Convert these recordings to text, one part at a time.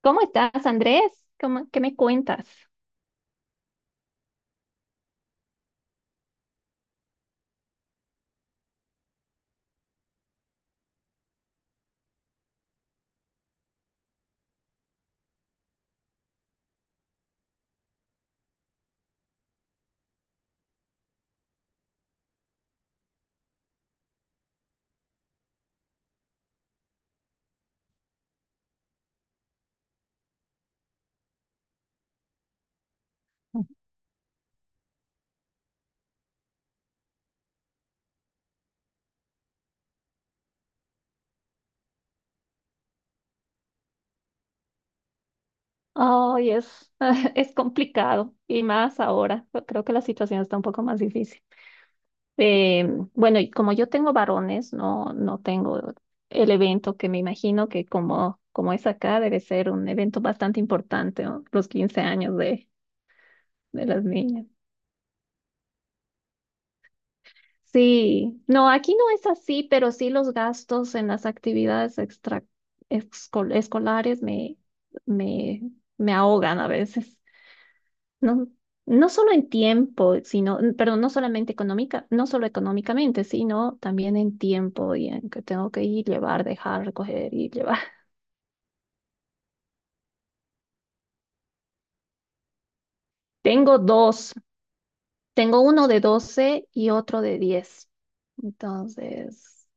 ¿Cómo estás, Andrés? ¿Qué me cuentas? Ay, es, es complicado y más ahora. Yo creo que la situación está un poco más difícil. Eh, bueno, y como yo tengo varones, no tengo el evento que me imagino que como es acá, debe ser un evento bastante importante, ¿no? Los 15 años de las niñas. Sí, no, aquí no es así, pero sí los gastos en las actividades escolares me, me ahogan a veces. No, no solo en tiempo, perdón, no solamente económica, no solo económicamente, sino también en tiempo y en que tengo que ir, llevar, dejar, recoger y llevar. Tengo dos, tengo uno de 12 y otro de 10. Entonces,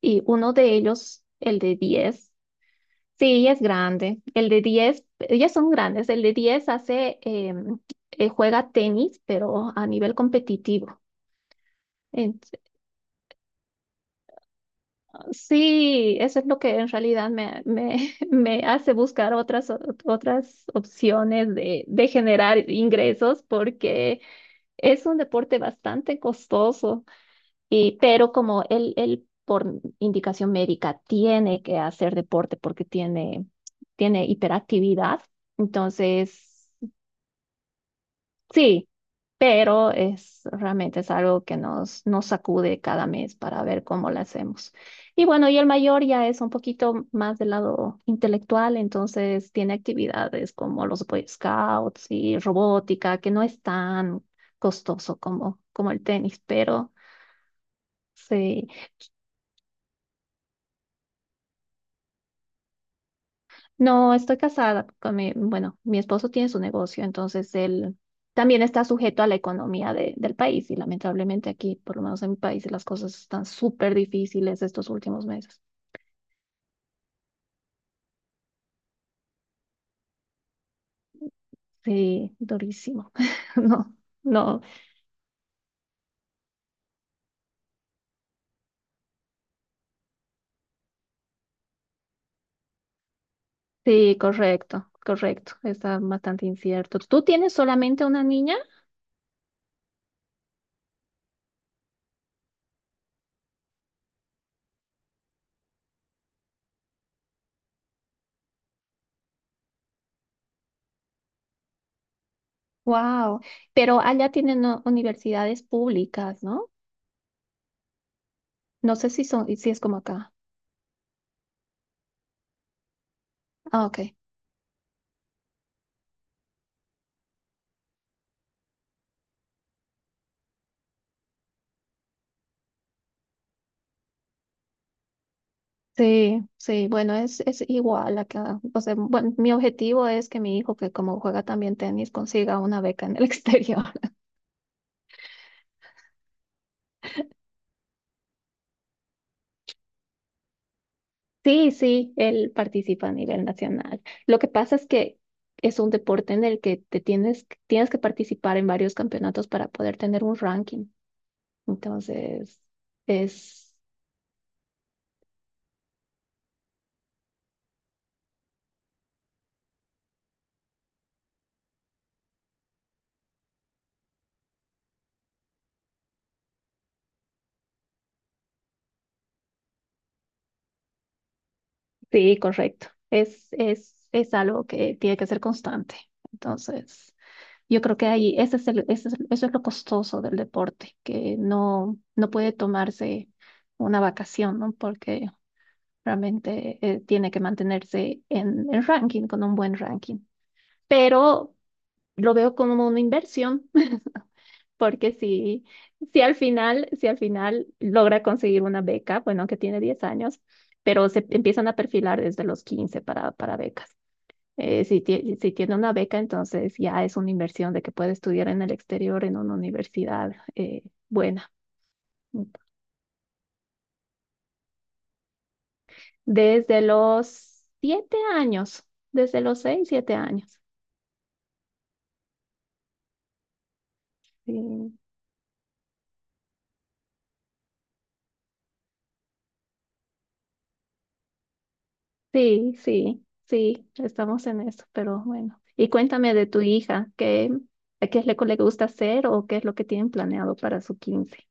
y uno de ellos, el de 10, sí, es grande. El de 10 ya son grandes. El de 10 hace, juega tenis, pero a nivel competitivo. Sí, eso es lo que en realidad me hace buscar otras opciones de generar ingresos porque es un deporte bastante costoso, y, pero como él por indicación médica tiene que hacer deporte porque tiene hiperactividad, entonces... Sí, pero es realmente es algo que nos sacude cada mes para ver cómo lo hacemos. Y bueno, y el mayor ya es un poquito más del lado intelectual, entonces tiene actividades como los Boy Scouts y robótica, que no es tan costoso como el tenis, pero sí. No, estoy casada con mi, bueno, mi esposo tiene su negocio, entonces él también está sujeto a la economía del país y lamentablemente aquí, por lo menos en mi país, las cosas están súper difíciles estos últimos meses. Sí, durísimo. No, no, sí, correcto, correcto. Está bastante incierto. ¿Tú tienes solamente una niña? Wow, pero allá tienen no, universidades públicas, ¿no? No sé si son, si es como acá. Ah, ok. Sí, sí, bueno, es igual acá. O sea, bueno, mi objetivo es que mi hijo, que como juega también tenis, consiga una beca en el exterior. Sí, sí, él participa a nivel nacional. Lo que pasa es que es un deporte en el que te tienes que participar en varios campeonatos para poder tener un ranking. Entonces, es, sí, correcto. Es algo que tiene que ser constante. Entonces. Yo creo que ahí ese es el- ese es- eso es lo costoso del deporte, que no, no puede tomarse una vacación, ¿no? Porque realmente tiene que mantenerse en el ranking, con un buen ranking. Pero lo veo como una inversión. Porque si al final logra conseguir una beca, bueno, que tiene 10 años, pero se empiezan a perfilar desde los 15 para becas. Si tiene una beca, entonces ya es una inversión de que puede estudiar en el exterior en una universidad buena. Desde los 7 años, siete años. Sí, sí, estamos en eso, pero bueno. Y cuéntame de tu hija, ¿qué, qué es lo que le gusta hacer o qué es lo que tienen planeado para su quince?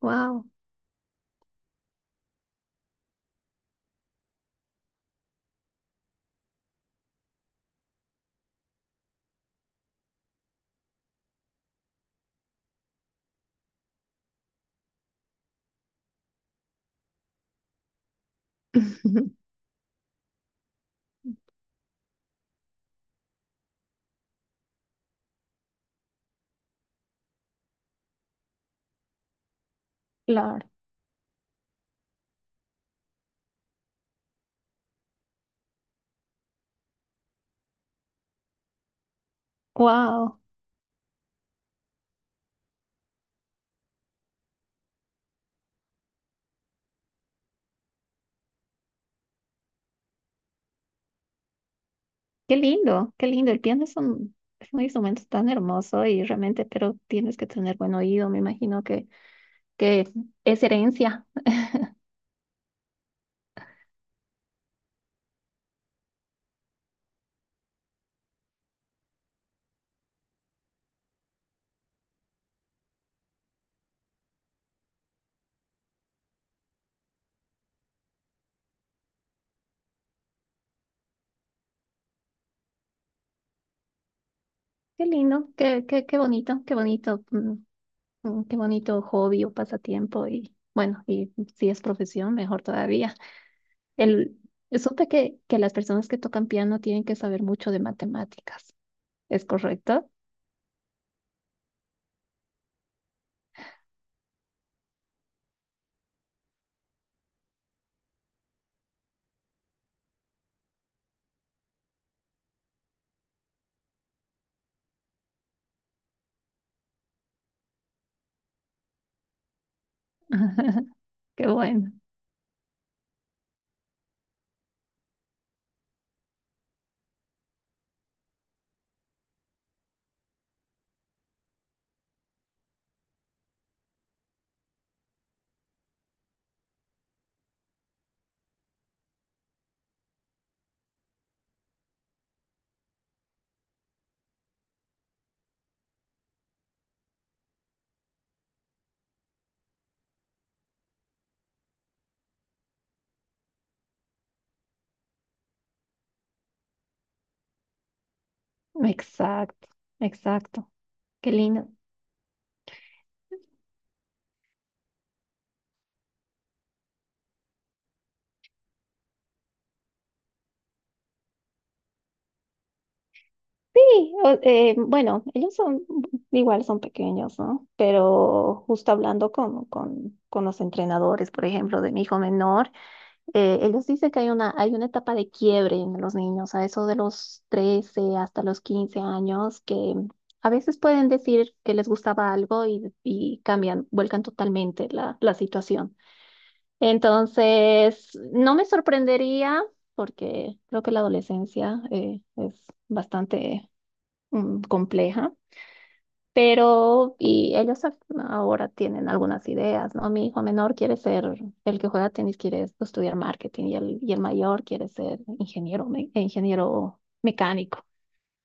Wow, claro, wow. Qué lindo, qué lindo. El piano es un instrumento tan hermoso y realmente, pero tienes que tener buen oído. Me imagino que es herencia. Qué lindo, qué, qué, qué bonito, mm, mm, qué bonito hobby o pasatiempo. Y bueno, y si es profesión, mejor todavía. El, supe que las personas que tocan piano tienen que saber mucho de matemáticas. ¿Es correcto? Qué bueno. Exacto, exacto. Qué lindo. Sí, bueno, igual son pequeños, ¿no? Pero justo hablando con los entrenadores, por ejemplo, de mi hijo menor, ellos dicen que hay una etapa de quiebre en los niños, a eso de los 13 hasta los 15 años, que a veces pueden decir que les gustaba algo y cambian, vuelcan totalmente la situación. Entonces, no me sorprendería, porque creo que la adolescencia es bastante mm, compleja, pero y ahora tienen algunas ideas, ¿no? Mi hijo menor quiere ser, el que juega tenis quiere estudiar marketing y y el mayor quiere ser ingeniero, ingeniero mecánico.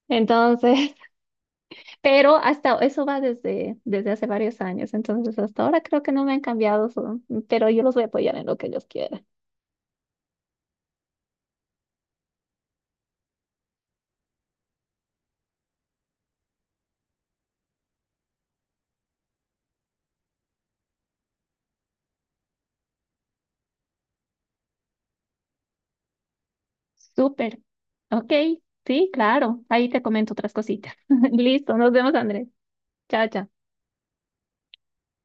Entonces, pero hasta eso va desde hace varios años, entonces hasta ahora creo que no me han cambiado, su- pero yo los voy a apoyar en lo que ellos quieran. Súper. Ok, sí, claro. Ahí te comento otras cositas. Listo, nos vemos, Andrés. Chao, chao.